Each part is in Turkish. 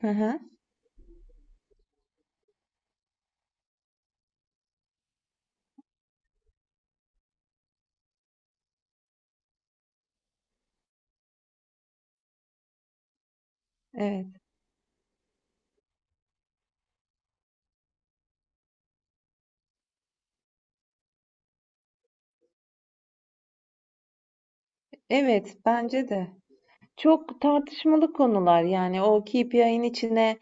Hı hı, evet. Evet, bence de. Çok tartışmalı konular yani o KPI'nin içine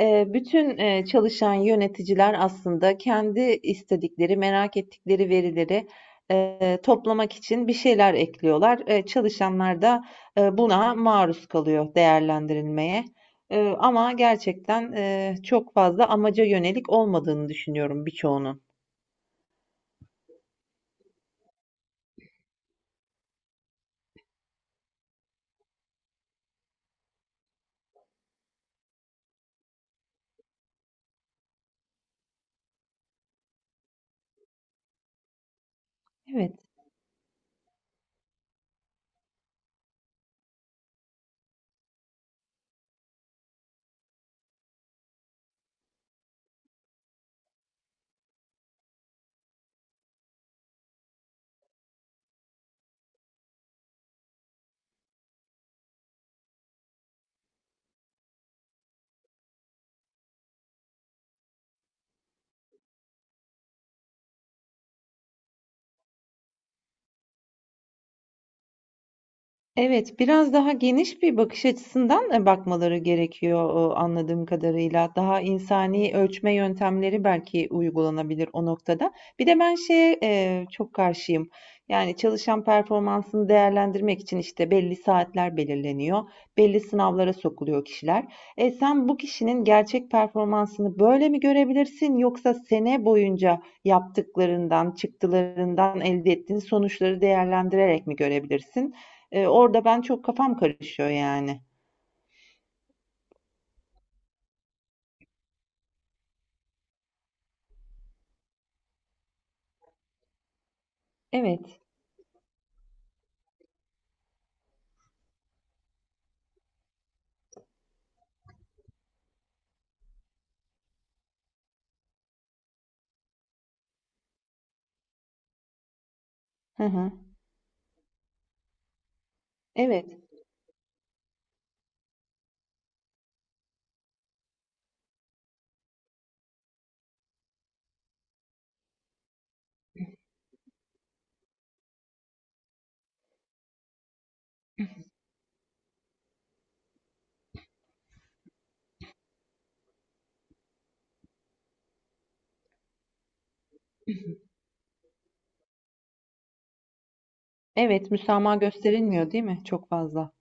bütün çalışan yöneticiler aslında kendi istedikleri, merak ettikleri verileri toplamak için bir şeyler ekliyorlar. Çalışanlar da buna maruz kalıyor değerlendirilmeye. Ama gerçekten çok fazla amaca yönelik olmadığını düşünüyorum birçoğunun. Evet, evet, biraz daha geniş bir bakış açısından, bakmaları gerekiyor, anladığım kadarıyla. Daha insani ölçme yöntemleri belki uygulanabilir o noktada. Bir de ben şeye, çok karşıyım. Yani çalışan performansını değerlendirmek için, işte, belli saatler belirleniyor, belli sınavlara sokuluyor kişiler. Sen bu kişinin gerçek performansını böyle mi görebilirsin yoksa sene boyunca yaptıklarından, çıktılarından elde ettiğin sonuçları değerlendirerek mi görebilirsin? Orada ben çok kafam karışıyor yani. Evet. Hı hı. Evet. Evet, müsamaha gösterilmiyor değil mi çok fazla?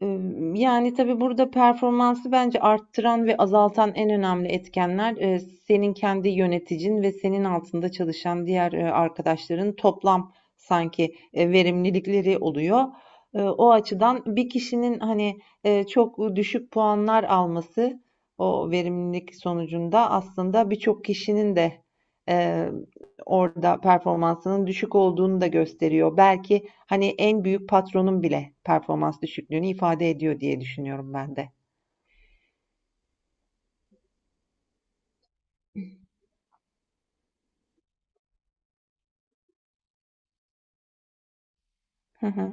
Yani, tabii burada performansı bence arttıran ve azaltan en önemli etkenler, senin kendi yöneticin ve senin altında çalışan diğer, arkadaşların toplam sanki, verimlilikleri oluyor. O açıdan bir kişinin, hani, çok düşük puanlar alması o verimlilik sonucunda aslında birçok kişinin de, eee, orada performansının düşük olduğunu da gösteriyor. Belki hani en büyük patronun bile performans düşüklüğünü ifade ediyor diye düşünüyorum ben de. Hı hı.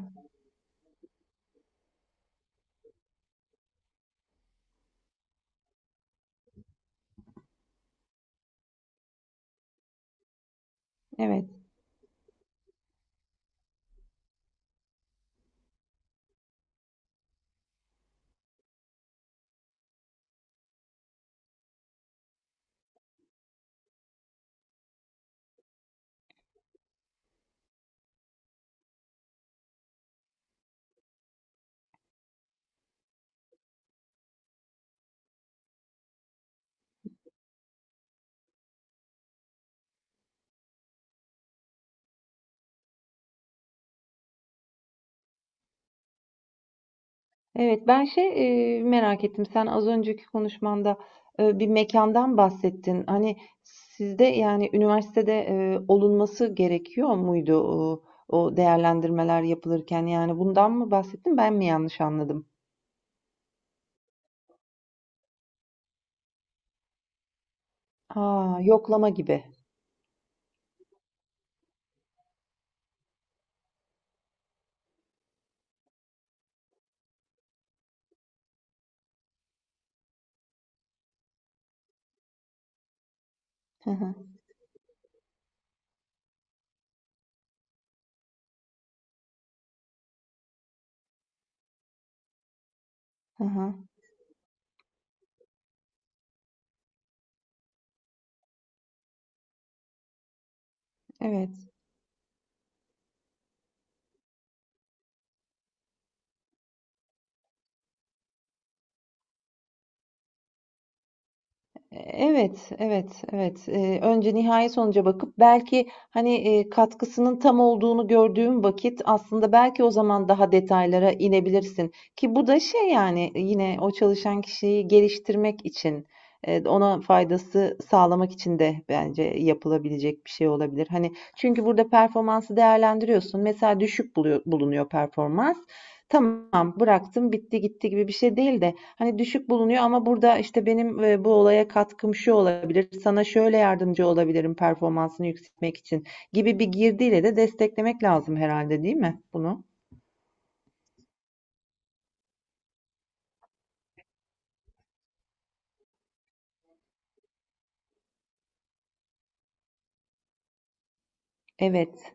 Evet. Evet ben şey merak ettim. Sen az önceki konuşmanda bir mekandan bahsettin. Hani sizde yani üniversitede olunması gerekiyor muydu o değerlendirmeler yapılırken? Yani bundan mı bahsettin? Ben mi yanlış anladım? Ha, yoklama gibi. Hı hı, hı hı. Evet. Evet, evet, evet. Önce nihai sonuca bakıp belki hani katkısının tam olduğunu gördüğüm vakit aslında belki o zaman daha detaylara inebilirsin. Ki bu da şey yani yine o çalışan kişiyi geliştirmek için, ona faydası sağlamak için de bence yapılabilecek bir şey olabilir. Hani çünkü burada performansı değerlendiriyorsun. Mesela düşük bulunuyor performans. Tamam, bıraktım, bitti gitti gibi bir şey değil de hani düşük bulunuyor ama burada işte benim bu olaya katkım şu olabilir, sana şöyle yardımcı olabilirim performansını yükseltmek için gibi bir girdiyle de desteklemek lazım herhalde değil mi bunu? Evet,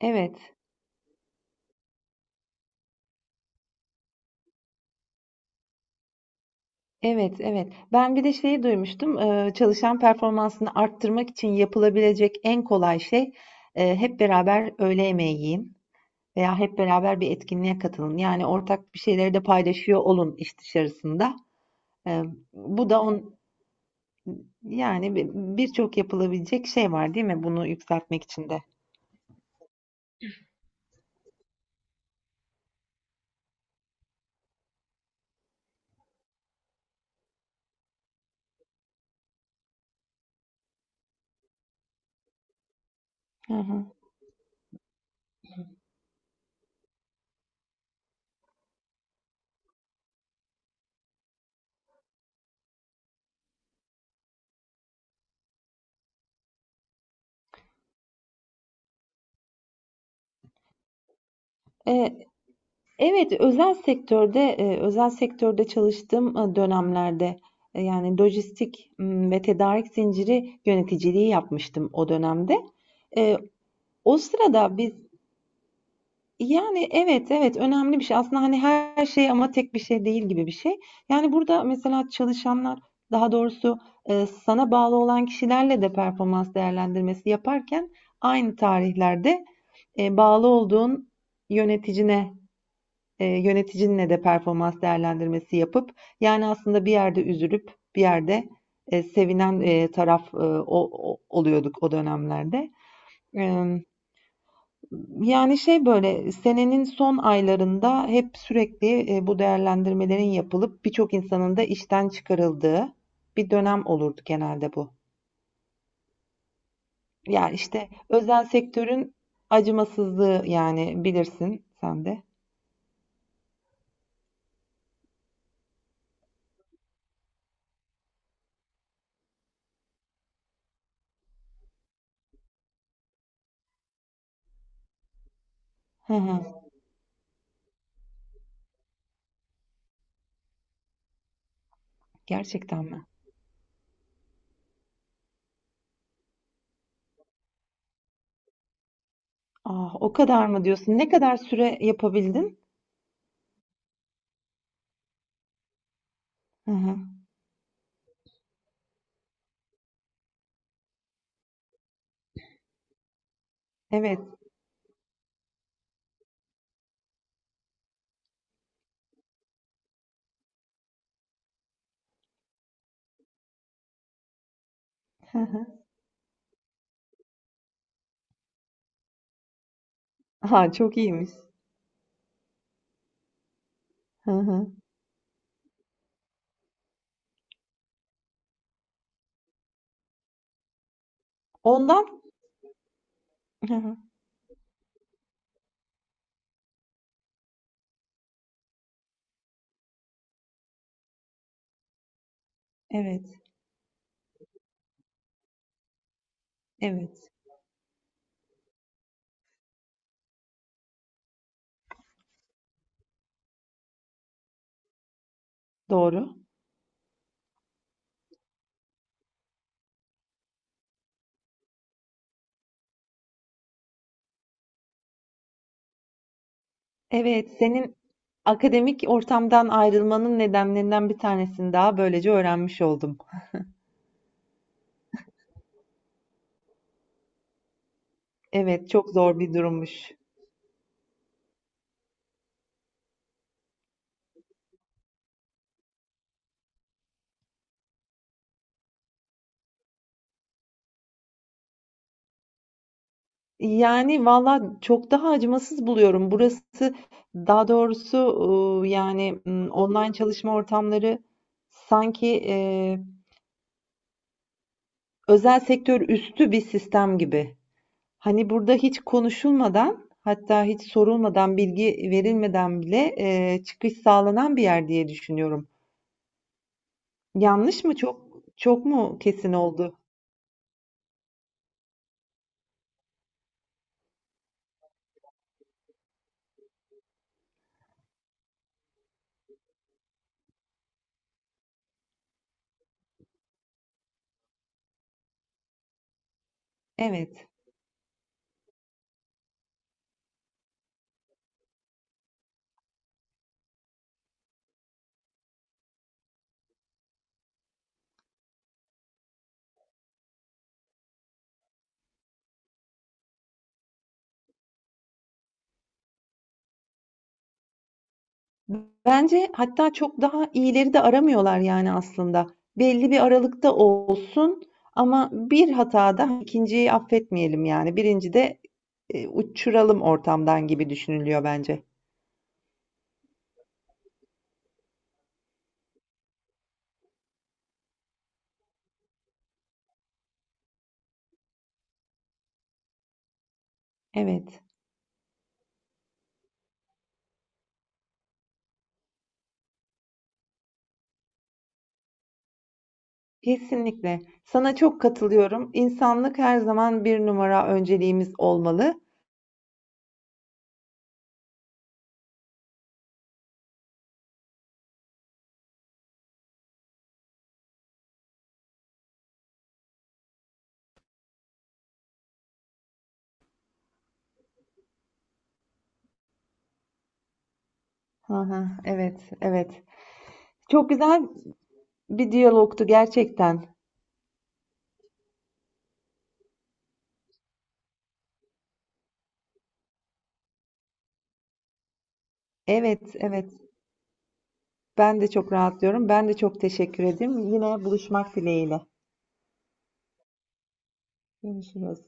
evet, evet, evet. Ben bir de şeyi duymuştum. Çalışan performansını arttırmak için yapılabilecek en kolay şey hep beraber öğle yemeği yiyin veya hep beraber bir etkinliğe katılın. Yani ortak bir şeyleri de paylaşıyor olun iş dışarısında. Eee, bu da yani birçok yapılabilecek şey var değil mi bunu yükseltmek için de? Hı hı. E, evet, özel sektörde çalıştığım dönemlerde yani lojistik ve tedarik zinciri yöneticiliği yapmıştım o dönemde. E, o sırada yani, evet, evet, önemli bir şey. Aslında, hani, her şey ama tek bir şey değil gibi bir şey. Yani, burada mesela çalışanlar, daha doğrusu, sana bağlı olan kişilerle de performans değerlendirmesi yaparken aynı tarihlerde, bağlı olduğun yöneticine, yöneticinle de performans değerlendirmesi yapıp, yani, aslında bir yerde üzülüp bir yerde, sevinen, taraf, o oluyorduk o dönemlerde. Yani, şey, böyle, senenin son aylarında hep sürekli, bu değerlendirmelerin yapılıp birçok insanın da işten çıkarıldığı bir dönem olurdu genelde bu. Yani işte, özel sektörün acımasızlığı, yani, bilirsin sen de. Hı hı. Gerçekten mi? Ah, o kadar mı diyorsun? Ne kadar süre yapabildin? Hı hı. Evet. Hı hı. A, çok iyiymiş. Hı hı. Ondan Hı hı. Evet, evet. Doğru. Evet, senin akademik ortamdan ayrılmanın nedenlerinden bir tanesini daha böylece öğrenmiş oldum. Evet, çok zor bir durummuş. Yani valla çok daha acımasız buluyorum. Burası daha doğrusu yani online çalışma ortamları sanki özel sektör üstü bir sistem gibi. Hani burada hiç konuşulmadan hatta hiç sorulmadan bilgi verilmeden bile çıkış sağlanan bir yer diye düşünüyorum. Yanlış mı? Çok çok mu kesin oldu? Evet. Bence hatta çok daha iyileri de aramıyorlar yani aslında. Belli bir aralıkta olsun ama bir hatada ikinciyi affetmeyelim yani. Birinci de uçuralım ortamdan gibi düşünülüyor bence. Evet. Kesinlikle. Sana çok katılıyorum. İnsanlık her zaman bir numara önceliğimiz olmalı. Hı hı, evet, evet. Çok güzel bir diyalogtu gerçekten. Evet, evet. Ben de çok rahatlıyorum. Ben de çok teşekkür ederim. Yine buluşmak dileğiyle. Görüşürüz.